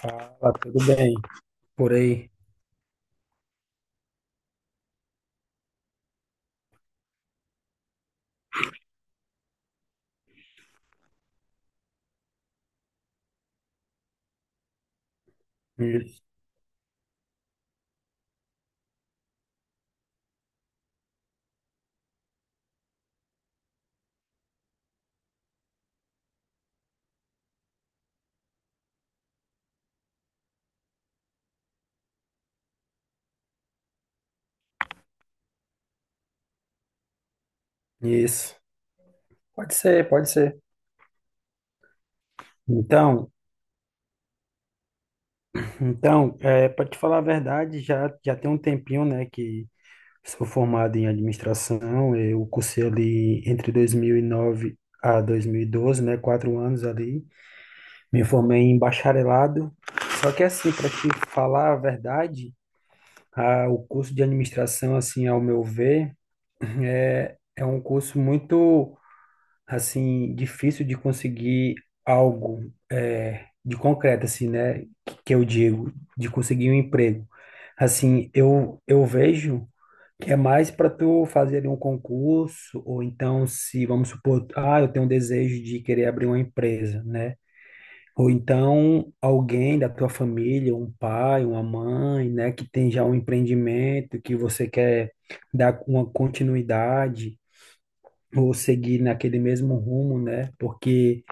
Fala, tudo bem? Por aí. Hum. Isso. Pode ser, pode ser. Então, então, para te falar a verdade, já tem um tempinho, né, que sou formado em administração. Eu cursei ali entre 2009 a 2012, né, 4 anos ali. Me formei em bacharelado. Só que assim, para te falar a verdade, o curso de administração, assim, ao meu ver, é um curso muito assim, difícil de conseguir algo de concreto, assim, né? Que eu digo, de conseguir um emprego. Assim, eu vejo que é mais para tu fazer ali um concurso, ou então se, vamos supor, ah, eu tenho um desejo de querer abrir uma empresa, né? Ou então alguém da tua família, um pai, uma mãe, né, que tem já um empreendimento que você quer dar uma continuidade ou seguir naquele mesmo rumo, né? Porque,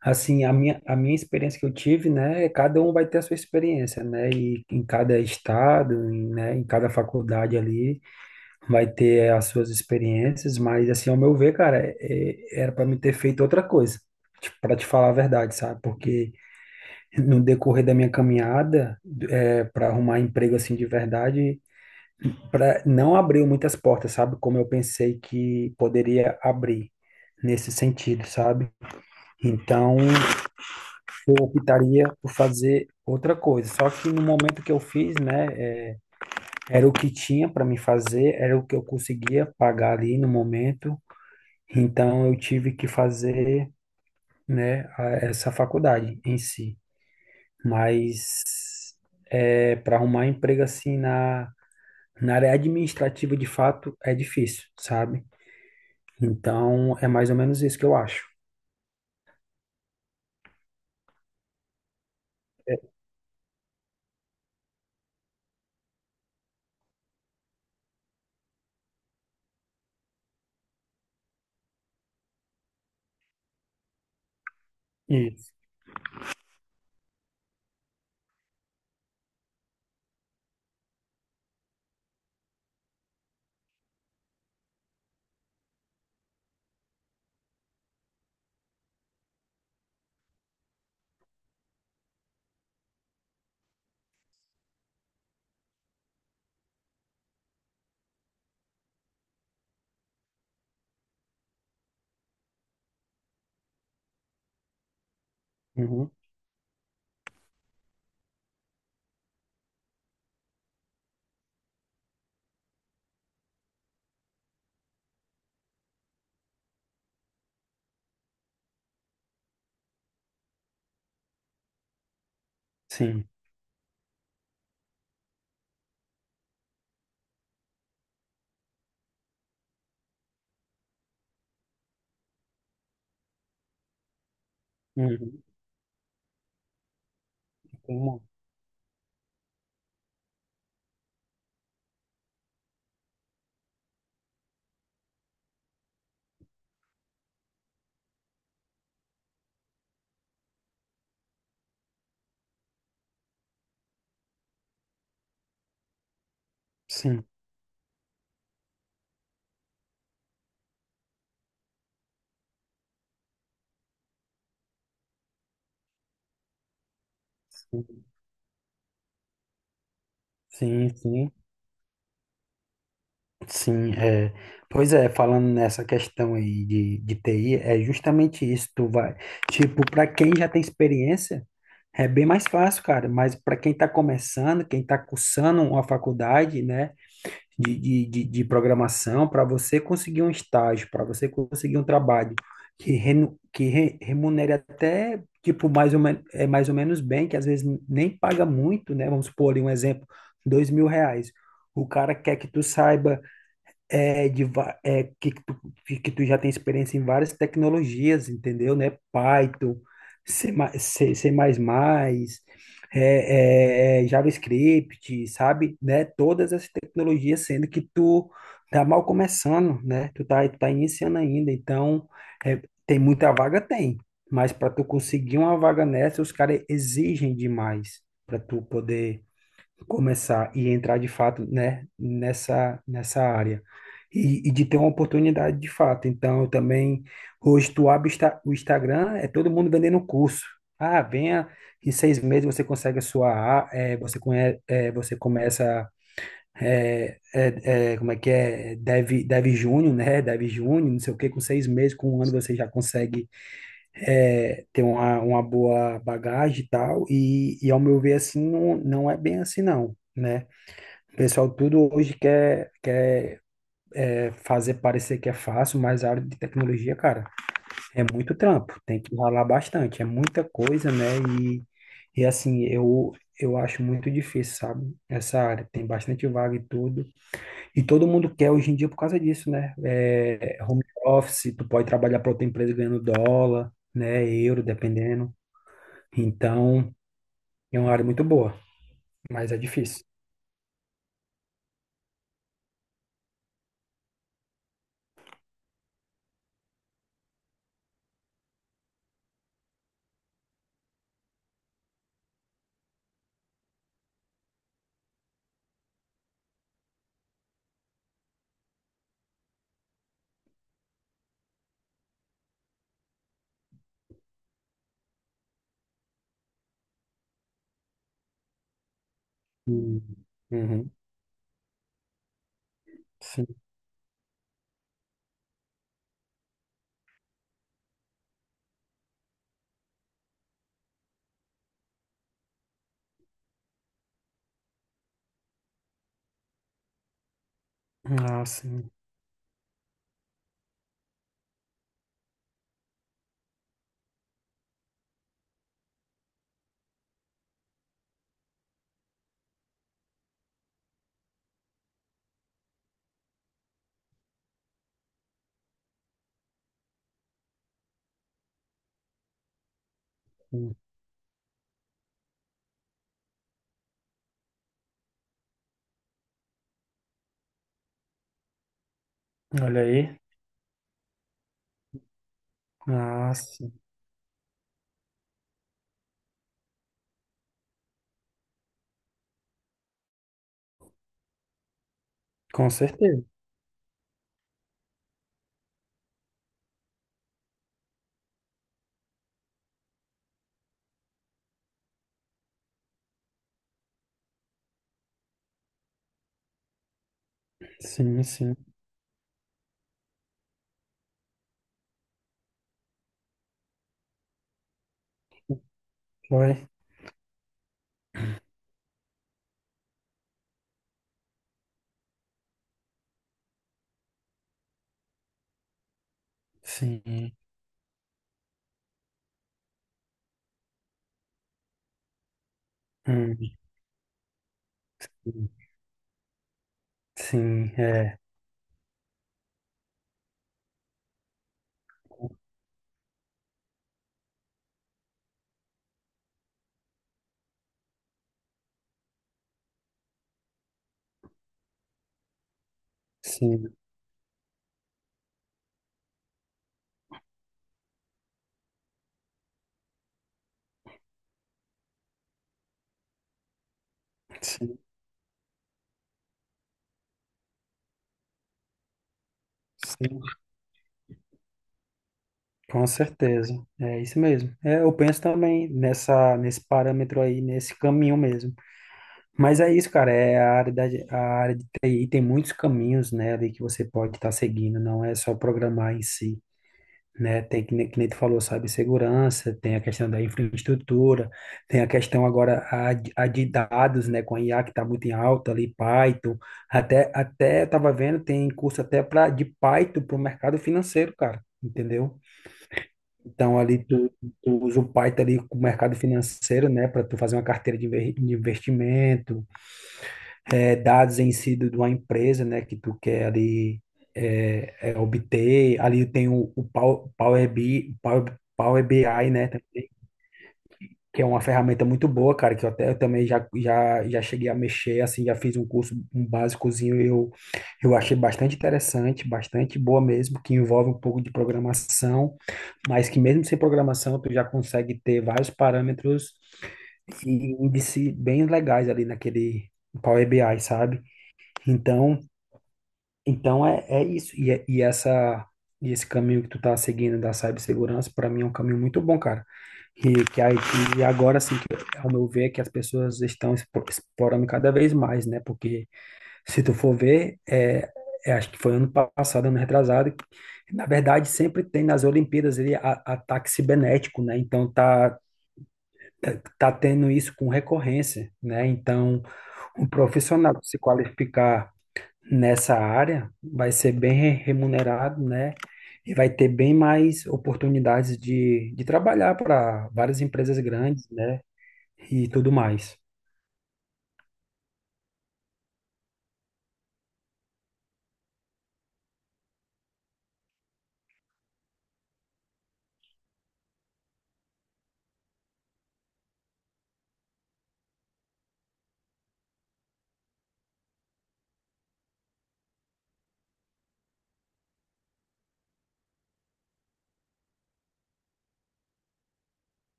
assim, a minha experiência que eu tive, né? Cada um vai ter a sua experiência, né? E em cada estado, em, né? Em cada faculdade ali, vai ter as suas experiências, mas, assim, ao meu ver, cara, era para me ter feito outra coisa. Para te falar a verdade, sabe? Porque no decorrer da minha caminhada, para arrumar emprego assim de verdade, não abriu muitas portas, sabe? Como eu pensei que poderia abrir nesse sentido, sabe? Então, eu optaria por fazer outra coisa. Só que no momento que eu fiz, né, era o que tinha para me fazer, era o que eu conseguia pagar ali no momento. Então, eu tive que fazer, né, essa faculdade em si. Mas para arrumar emprego assim na área administrativa, de fato, é difícil, sabe? Então, é mais ou menos isso que eu acho. Isso. Uhum. Sim. Uhum. Tem uma- Sim. Sim, sim, sim. Sim, é. Pois é, falando nessa questão aí de TI, é justamente isso. Tu vai, tipo, para quem já tem experiência, é bem mais fácil, cara. Mas para quem está começando, quem está cursando uma faculdade, né? De programação para você conseguir um estágio, para você conseguir um trabalho que remunere até, tipo, mais ou menos bem, que às vezes nem paga muito, né? Vamos supor ali um exemplo, R$ 2.000. O cara quer que tu saiba é, de, va- é, que tu já tem experiência em várias tecnologias, entendeu, né? Python, C, C++, JavaScript, sabe? Né? Todas essas tecnologias, sendo que tu tá mal começando, né? Tu tá iniciando ainda, então é, tem muita vaga, tem. Mas para tu conseguir uma vaga nessa, os caras exigem demais para tu poder começar e entrar de fato, né, nessa área. E de ter uma oportunidade de fato. Então, eu também, hoje tu abre o Instagram, é todo mundo vendendo curso. Ah, venha, em 6 meses você consegue a sua, você começa, como é que é, Dev Júnior, né, Dev Júnior, não sei o que, com 6 meses, com um ano você já consegue ter uma boa bagagem e tal, e ao meu ver, assim, não, não é bem assim, não. Né? O pessoal tudo hoje quer fazer parecer que é fácil, mas a área de tecnologia, cara, é muito trampo, tem que ralar bastante, é muita coisa, né? E assim, eu acho muito difícil, sabe? Essa área tem bastante vaga e tudo. E todo mundo quer hoje em dia por causa disso, né? É, home office, tu pode trabalhar para outra empresa ganhando dólar, né? Euro, dependendo. Então, é uma área muito boa, mas é difícil. Hum. Uhum. Sim. Ah, sim. Olha aí. Ah, sim. Com certeza. Sim, sim. Foi. Sim. Hum. Sim, é. Sim, sim, sim. Com certeza. É isso mesmo. É, eu penso também nesse parâmetro aí, nesse caminho mesmo. Mas é isso, cara. É a área de TI tem muitos caminhos, né, ali que você pode estar seguindo, não é só programar em si. Né? Tem que, nem- Que nem tu falou, segurança tem a questão da infraestrutura, tem a questão agora a de dados, né? Com a IA que está muito em alta ali, Python, até estava vendo, tem curso até para de Python para o mercado financeiro, cara, entendeu? Então ali tu, tu usa o Python ali com o mercado financeiro, né? Para tu fazer uma carteira de de investimento, é, dados em si de uma empresa, né, que tu quer ali obter. Ali tem o Power BI, né, que é uma ferramenta muito boa, cara, que eu também já cheguei a mexer, assim, já fiz um curso, um básicozinho, e eu achei bastante interessante, bastante boa mesmo, que envolve um pouco de programação, mas que mesmo sem programação tu já consegue ter vários parâmetros e índice bem legais ali naquele Power BI, sabe? Então, então, é isso. E, é- e essa e esse caminho que tu tá seguindo da cibersegurança, para mim é um caminho muito bom, cara. E que aí, e agora assim, que, ao meu ver, que as pessoas estão explorando cada vez mais, né? Porque se tu for ver, acho que foi ano passado, ano retrasado, que, na verdade sempre tem nas Olimpíadas ataque cibernético, né? Então tá tendo isso com recorrência, né? Então, um profissional se qualificar nessa área, vai ser bem remunerado, né? E vai ter bem mais oportunidades de trabalhar para várias empresas grandes, né? E tudo mais.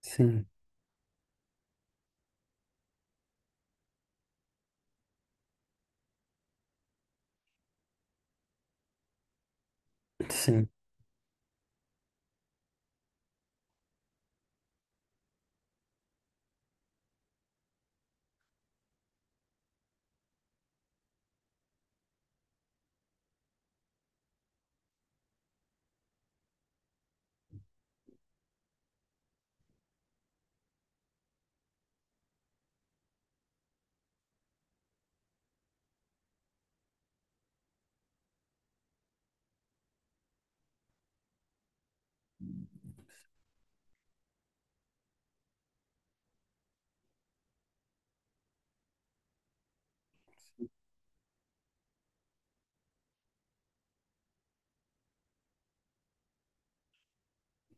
Sim, sim,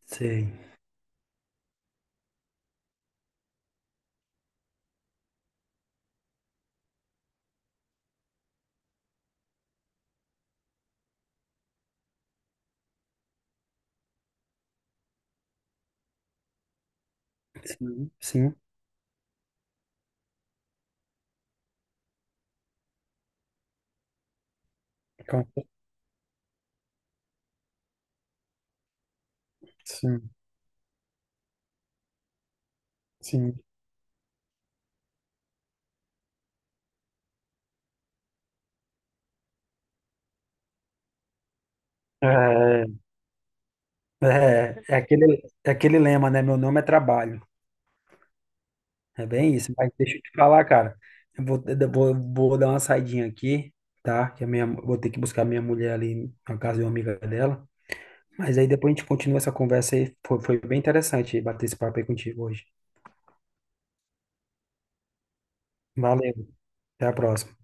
sei. Sim, sim, com- sim, sim. É, é aquele lema, né? Meu nome é trabalho. É bem isso. Mas deixa eu te falar, cara. Vou dar uma saidinha aqui, tá? Que a minha, vou ter que buscar minha mulher ali na casa de uma amiga dela. Mas aí depois a gente continua essa conversa aí. Foi bem interessante bater esse papo aí contigo hoje. Valeu, até a próxima.